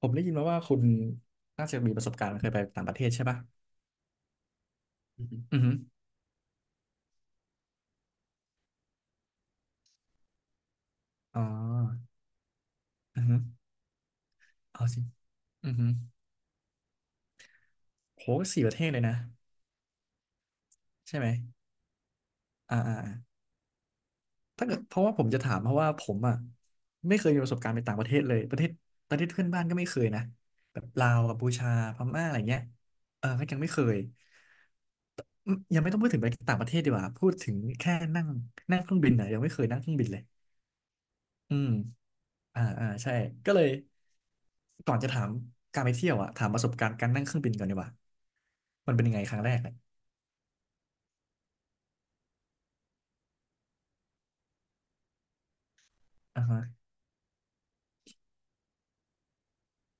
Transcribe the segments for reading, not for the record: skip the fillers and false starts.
ผมได้ยินมาว่าคุณน่าจะมีประสบการณ์เคยไปต่างประเทศใช่ปะอือฮึอือฮึอ๋ออือฮึเอาสิอือฮึโหสี่ประเทศเลยนะใช่ไหมอ่าอ่าอ่าถ้าเกิดเพราะว่าผมจะถามเพราะว่าผมอ่ะไม่เคยมีประสบการณ์ไปต่างประเทศเลยประเทศเพื่อนบ้านก็ไม่เคยนะแบบลาวกัมพูชาพม่าอะไรเงี้ยเออก็ยังไม่เคยอืมยังไม่ต้องพูดถึงไปต่างประเทศดีกว่าพูดถึงแค่นั่งนั่งเครื่องบินอ่ะยังไม่เคยนั่งเครื่องบินเลยอืม อ่าอ่าใช่ก็เลยก่อนจะถามการไปเที่ยวอะถามประสบการณ์การนั่งเครื่องบินก่อนดีกว่ามันเป็นยังไงครั้งแรกเนี่ยอ่าฮะ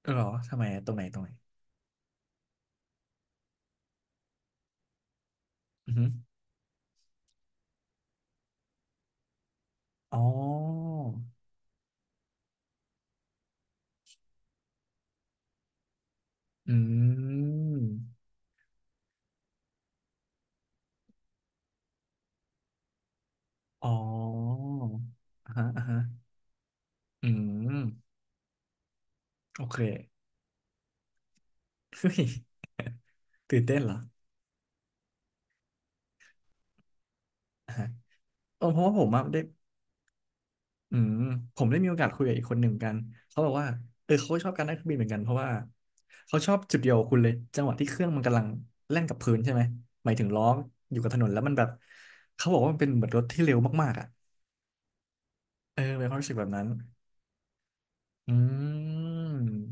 เอหรอทำไมอะตรงไหนอือฮึอ๋ออืมอ๋ออ่าฮะอ่าฮะอืมโอเค เฮ้ยตื่นเต้นเหรออ่าฮะเออเพราะว่าผมอะได้ อืมผมได้มีโอกาสคุยกับอีกคนหนึ่งเหมือนกันเขาบอกว่าเออเขาก็ชอบการนั่งเครื่องบินเหมือนกันเพราะว่าเขาชอบจุดเดียวกับคุณเลยจังหวะที่เครื่องมันกำลังแล่นกับพื้นใช่ไหมหมายถึงล้ออยู่กับถนนแล้วมันแบบเขาบอกว่ามันเป็นเหมือนรถที่เร็วมากๆอ่ะเออเป็นความรู้สึกแบบนั้นอืม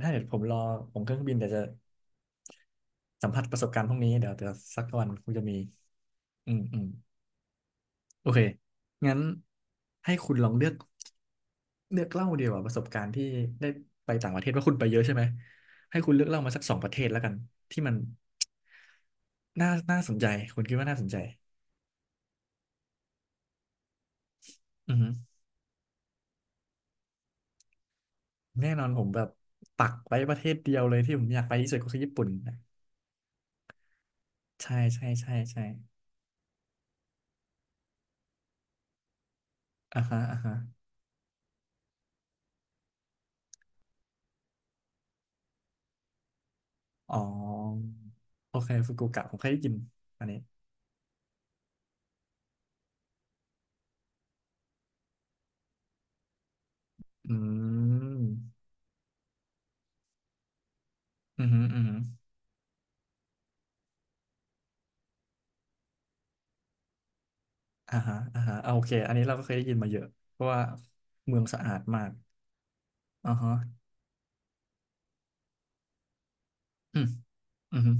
ถ้าเดี๋ยวผมรอผมเครื่องบินเดี๋ยวจะสัมผัสประสบการณ์พวกนี้เดี๋ยวสักวันคงจะมีอืมอืม โอเคงั้นให้คุณลองเลือกเลือกเล่าเดียว่าประสบการณ์ที่ได้ไปต่างประเทศว่าคุณไปเยอะใช่ไหมให้คุณเลือกเล่ามาสักสองประเทศแล้วกันที่มันน่าสนใจคุณคิดว่าน่าสนใจอือฮึแน่นอนผมแบบปักไว้ประเทศเดียวเลยที่ผมอยากไปที่สุดก็คือญี่ปุ่นนะใช่อ่าฮะอ่าฮะอ๋อโอเคฟุกุโอกะผมเคยได้ยินอันนี้อืมอืมอฮึออือฮ อ่าฮะอ่าฮะเอาโอเคอันนี้เราก็เคยได้ยินมาเยอะเพราะว่าเมืองสะอาดมากอ่าฮะอืมอืมฮึ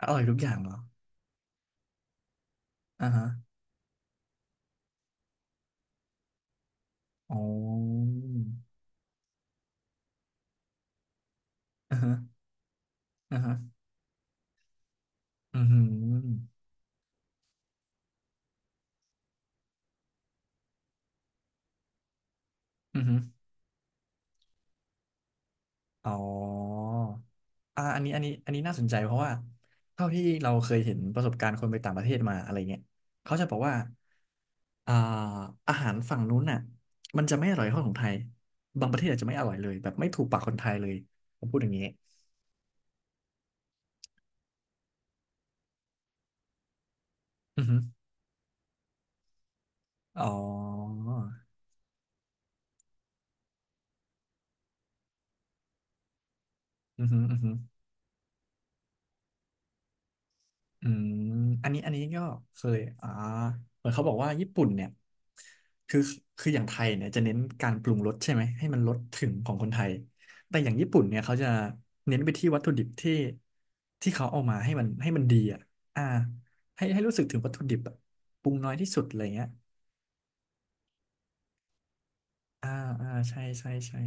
อร่อยทุกอย่างเหรออ่าฮะอ๋ออ่าฮะอ่าฮะอืมฮึอืมฮึอ๋ออ่าอันนี้น่าสนใจเพราะว่าเท่าที่เราเคยเห็นประสบการณ์คนไปต่างประเทศมาอะไรเงี้ยเขาจะบอกว่าอ่าอาหารฝั่งนู้นน่ะมันจะไม่อร่อยเท่าของไทยบางประเทศอาจจะไม่อร่อยเลยแบบไม่ถูกปากคนไทยเลยผมพูดอย่างนี้อือฮึ อ๋ออือหืออือหืออืมอันนี้ก็เคยอ่าเหมือนเขาบอกว่าญี่ปุ่นเนี่ยคือคืออย่างไทยเนี่ยจะเน้นการปรุงรสใช่ไหมให้มันรสถึงของคนไทยแต่อย่างญี่ปุ่นเนี่ยเขาจะเน้นไปที่วัตถุดิบที่ที่เขาเอามาให้มันดีอ่ะอ่าให้รู้สึกถึงวัตถุดิบอะปรุงน้อยที่สุดอะไรเงี้ยอ่าอ่าใช่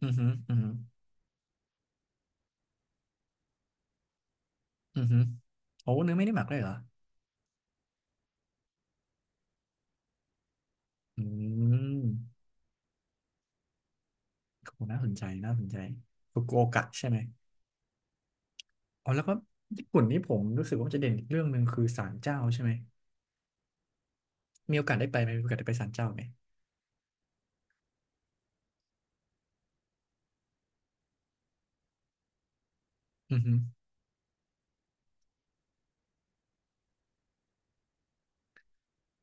อือหืออือหืออือหือโอ้เนื้อไม่ได้หมักเลยเหรออืม โหน่าสนใจน่าสนใจฟุกุโอกะใช่ไหมอ๋อแล้วก็ญี่ปุ่นนี่ผมรู้สึกว่าจะเด่นอีกเรื่องหนึ่งคือศาลเจ้าใช่ไหมมีโอกาสได้ไปไหมมีโอกาสได้ไปศาลเจ้าไหมอือฮึ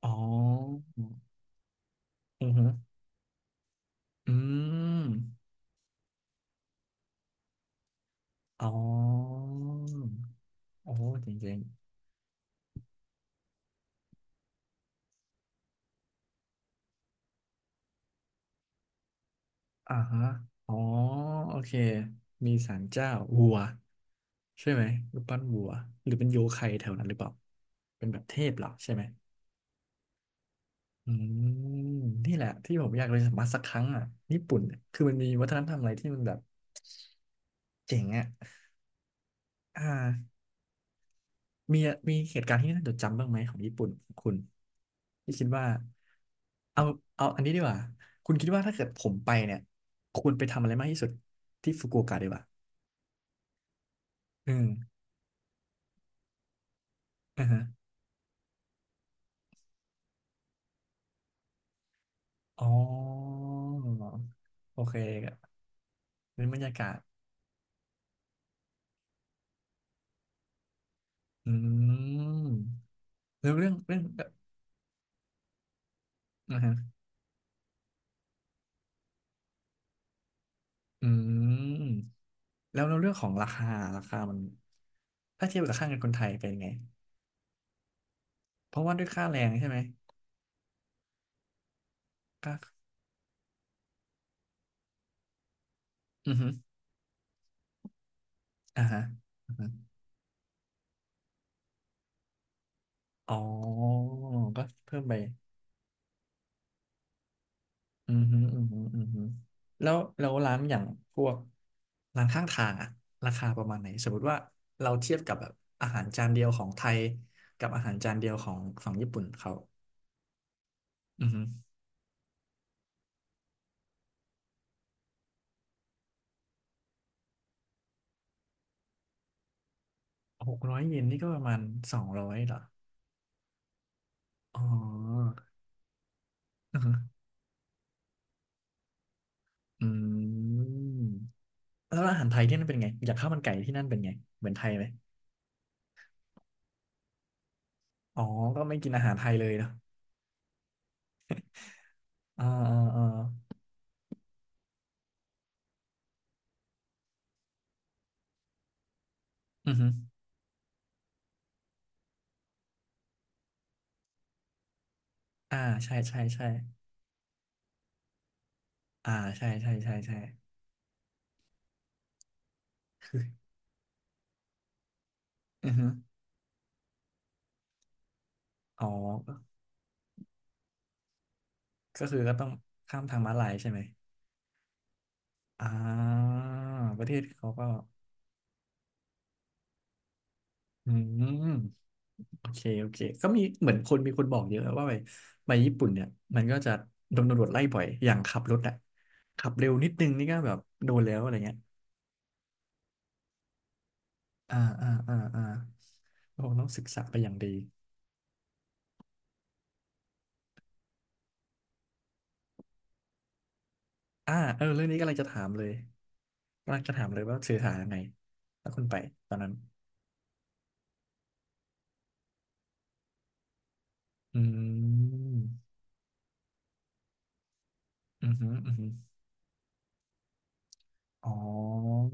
อ๋ออือฮึอืมอ๋อโอ้เจ๋งๆอ่าฮะอ๋อโอเคมีศาลเจ้าวัวใช่ไหมรูปปั้นวัวหรือเป็นโยใครแถวนั้นหรือเปล่าเป็นแบบเทพเหรอใช่ไหม อืมนี่แหละที่ผมอยากไปสัมผัสสักครั้งอ่ะญี่ปุ่นเนี่ยคือมันมีวัฒนธรรมอะไรที่มันแบบเจ๋งอ่ะอ่ามีมีเหตุการณ์ที่น่าจดจำบ้างไหมของญี่ปุ่นของคุณที่คิดว่าเอาเอาอันนี้ดีกว่าคุณคิดว่าถ้าเกิดผมไปเนี่ยควรไปทำอะไรมากที่สุดที่ฟุกุโอกะดีกว่าอืมอ่าฮะอ๋อโอเคเป็นบรรยากาศอืมแล้วเรื่องอ่าฮะอืม แล้วในเรื่องของราคาราคามันถ้าเทียบกับค่าเงินคนไทยเป็นไง เพราะว่าด้วยค่าแรงใช่ไหมค่าอือฮึอ่าฮะอือฮึอ๋อก็เพิ่มไปอือฮึอือฮึอือฮึแล้วร้านอย่างพวกร้านข้างทางอะราคาประมาณไหนสมมติว่าเราเทียบกับแบบอาหารจานเดียวของไทยกับอาหารจานเดียวของฝั่งญี่ปุ่นเขาอือฮึ600 เยนนี่ก็ประมาณสองร้อยเหรออ๋ออือฮึอืม แล้วอาหารไทยที่นั่นเป็นไงอยากข้าวมันไก่ที่นั่นเป็นไงเหมือนไทยไหมอ๋อก็ไม่กินอาหารไทยเลยเนาะอ่าอ่าอ่าอือฮึอ่าใช่ใช่ใช่อ่าใช่ใช่ใช่ ใช่คืออือฮึอ๋อก็ก็คือก็ต้องข้ามทางม้าลายใช่ไหมอ่าประเทศเขาก็อืมโอเคโอเคก็มีเหมือนคนมีคนบอกเยอะว่าไปญี่ปุ่นเนี่ยมันก็จะโดนตำรวจไล่บ่อยอย่างขับรถอะขับเร็วนิดนึงนี่ก็แบบโดนแล้วอะไรเงี้ย อ่าอ่าอ่าอ่าเราคงต้องศึกษาไปอย่างดีอ่าเออเรื่องนี้กำลังจะถามเลยกำลังจะถามเลยว่าสื่อสารยังไงถ้าคุณไปตอนนั้นอืมอือหืออือหืออ๋อ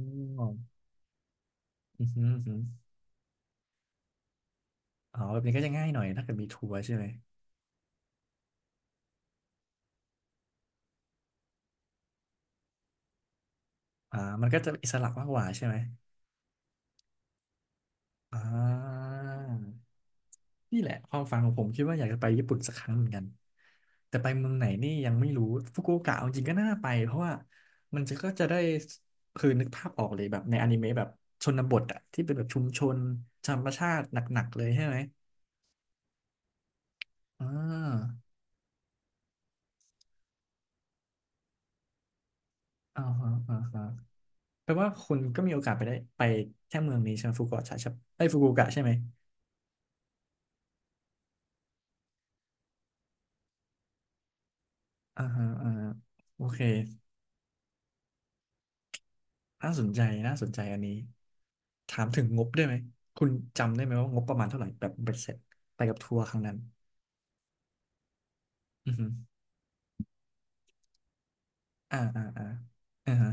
อือหืออือหืออ๋อแบบนี้ก็จะง่ายหน่อยถ้าเกิดมีทัวร์ใช่ไหมอ่ามันก็จะอิสระมากกว่าใช่ไหมอ่า นี่แหละความฝันของผมคิดว่าอยากจะไปญี่ปุ่นสักครั้งเหมือนกันแต่ไปเมืองไหนนี่ยังไม่รู้ฟุกุโอกะเอาจริงก็น่าไปเพราะว่ามันก็จะได้คือนึกภาพออกเลยแบบในอนิเมะแบบชนบทอะที่เป็นแบบชุมชนธรรมชาติหนักๆเลยใช่ไหมอ่าอ่าฮะอ่าฮะแปลว่าคุณก็มีโอกาสได้ไปแค่เมืองนี้ใช่ไหมฟุกุโอกะใช่ไหมไอ้ยฟุกุโอกะใช่ไหมอ่าฮะอ่าฮะโอเค น่าสนใจน่าสนใจอันนี้ถามถึงงบได้ไหมคุณจำได้ไหมว่างบประมาณเท่าไหร่แบบเบ็ดเสร็จไปกับทัวร์ครั้งนั้นอือฮึอ่าอ่าอ่าอ่าฮะ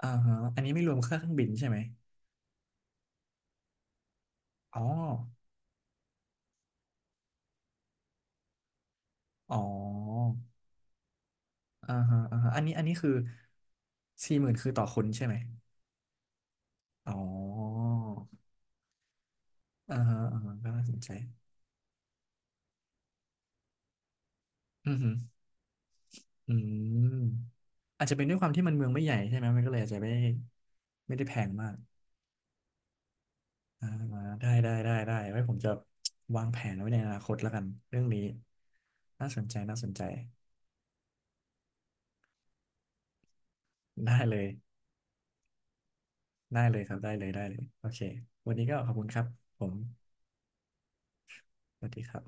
อ่าฮะอันนี้ไม่รวมค่าเครื่องบินใช่ไหมอ๋ออ๋ออ่าฮะอ่าฮะอันนี้คือ40,000คือต่อคนใช่ไหมอ๋ออ่าฮะอ่าฮะก็น่าสนใจอือฮึอืมอาจจะเป็นด้วยความที่มันเมืองไม่ใหญ่ใช่ไหมมันก็เลยอาจจะไม่ไม่ได้แพงมาก อ่าได้ได้ได้ได้ไว้ผมจะวางแผนไว้ในอนาคตแล้วกันเรื่องนี้น่าสนใจน่าสนใจได้เลยได้เลยครับได้เลยได้เลยโอเควันนี้ก็ขอบคุณครับผมสวัสดีครับ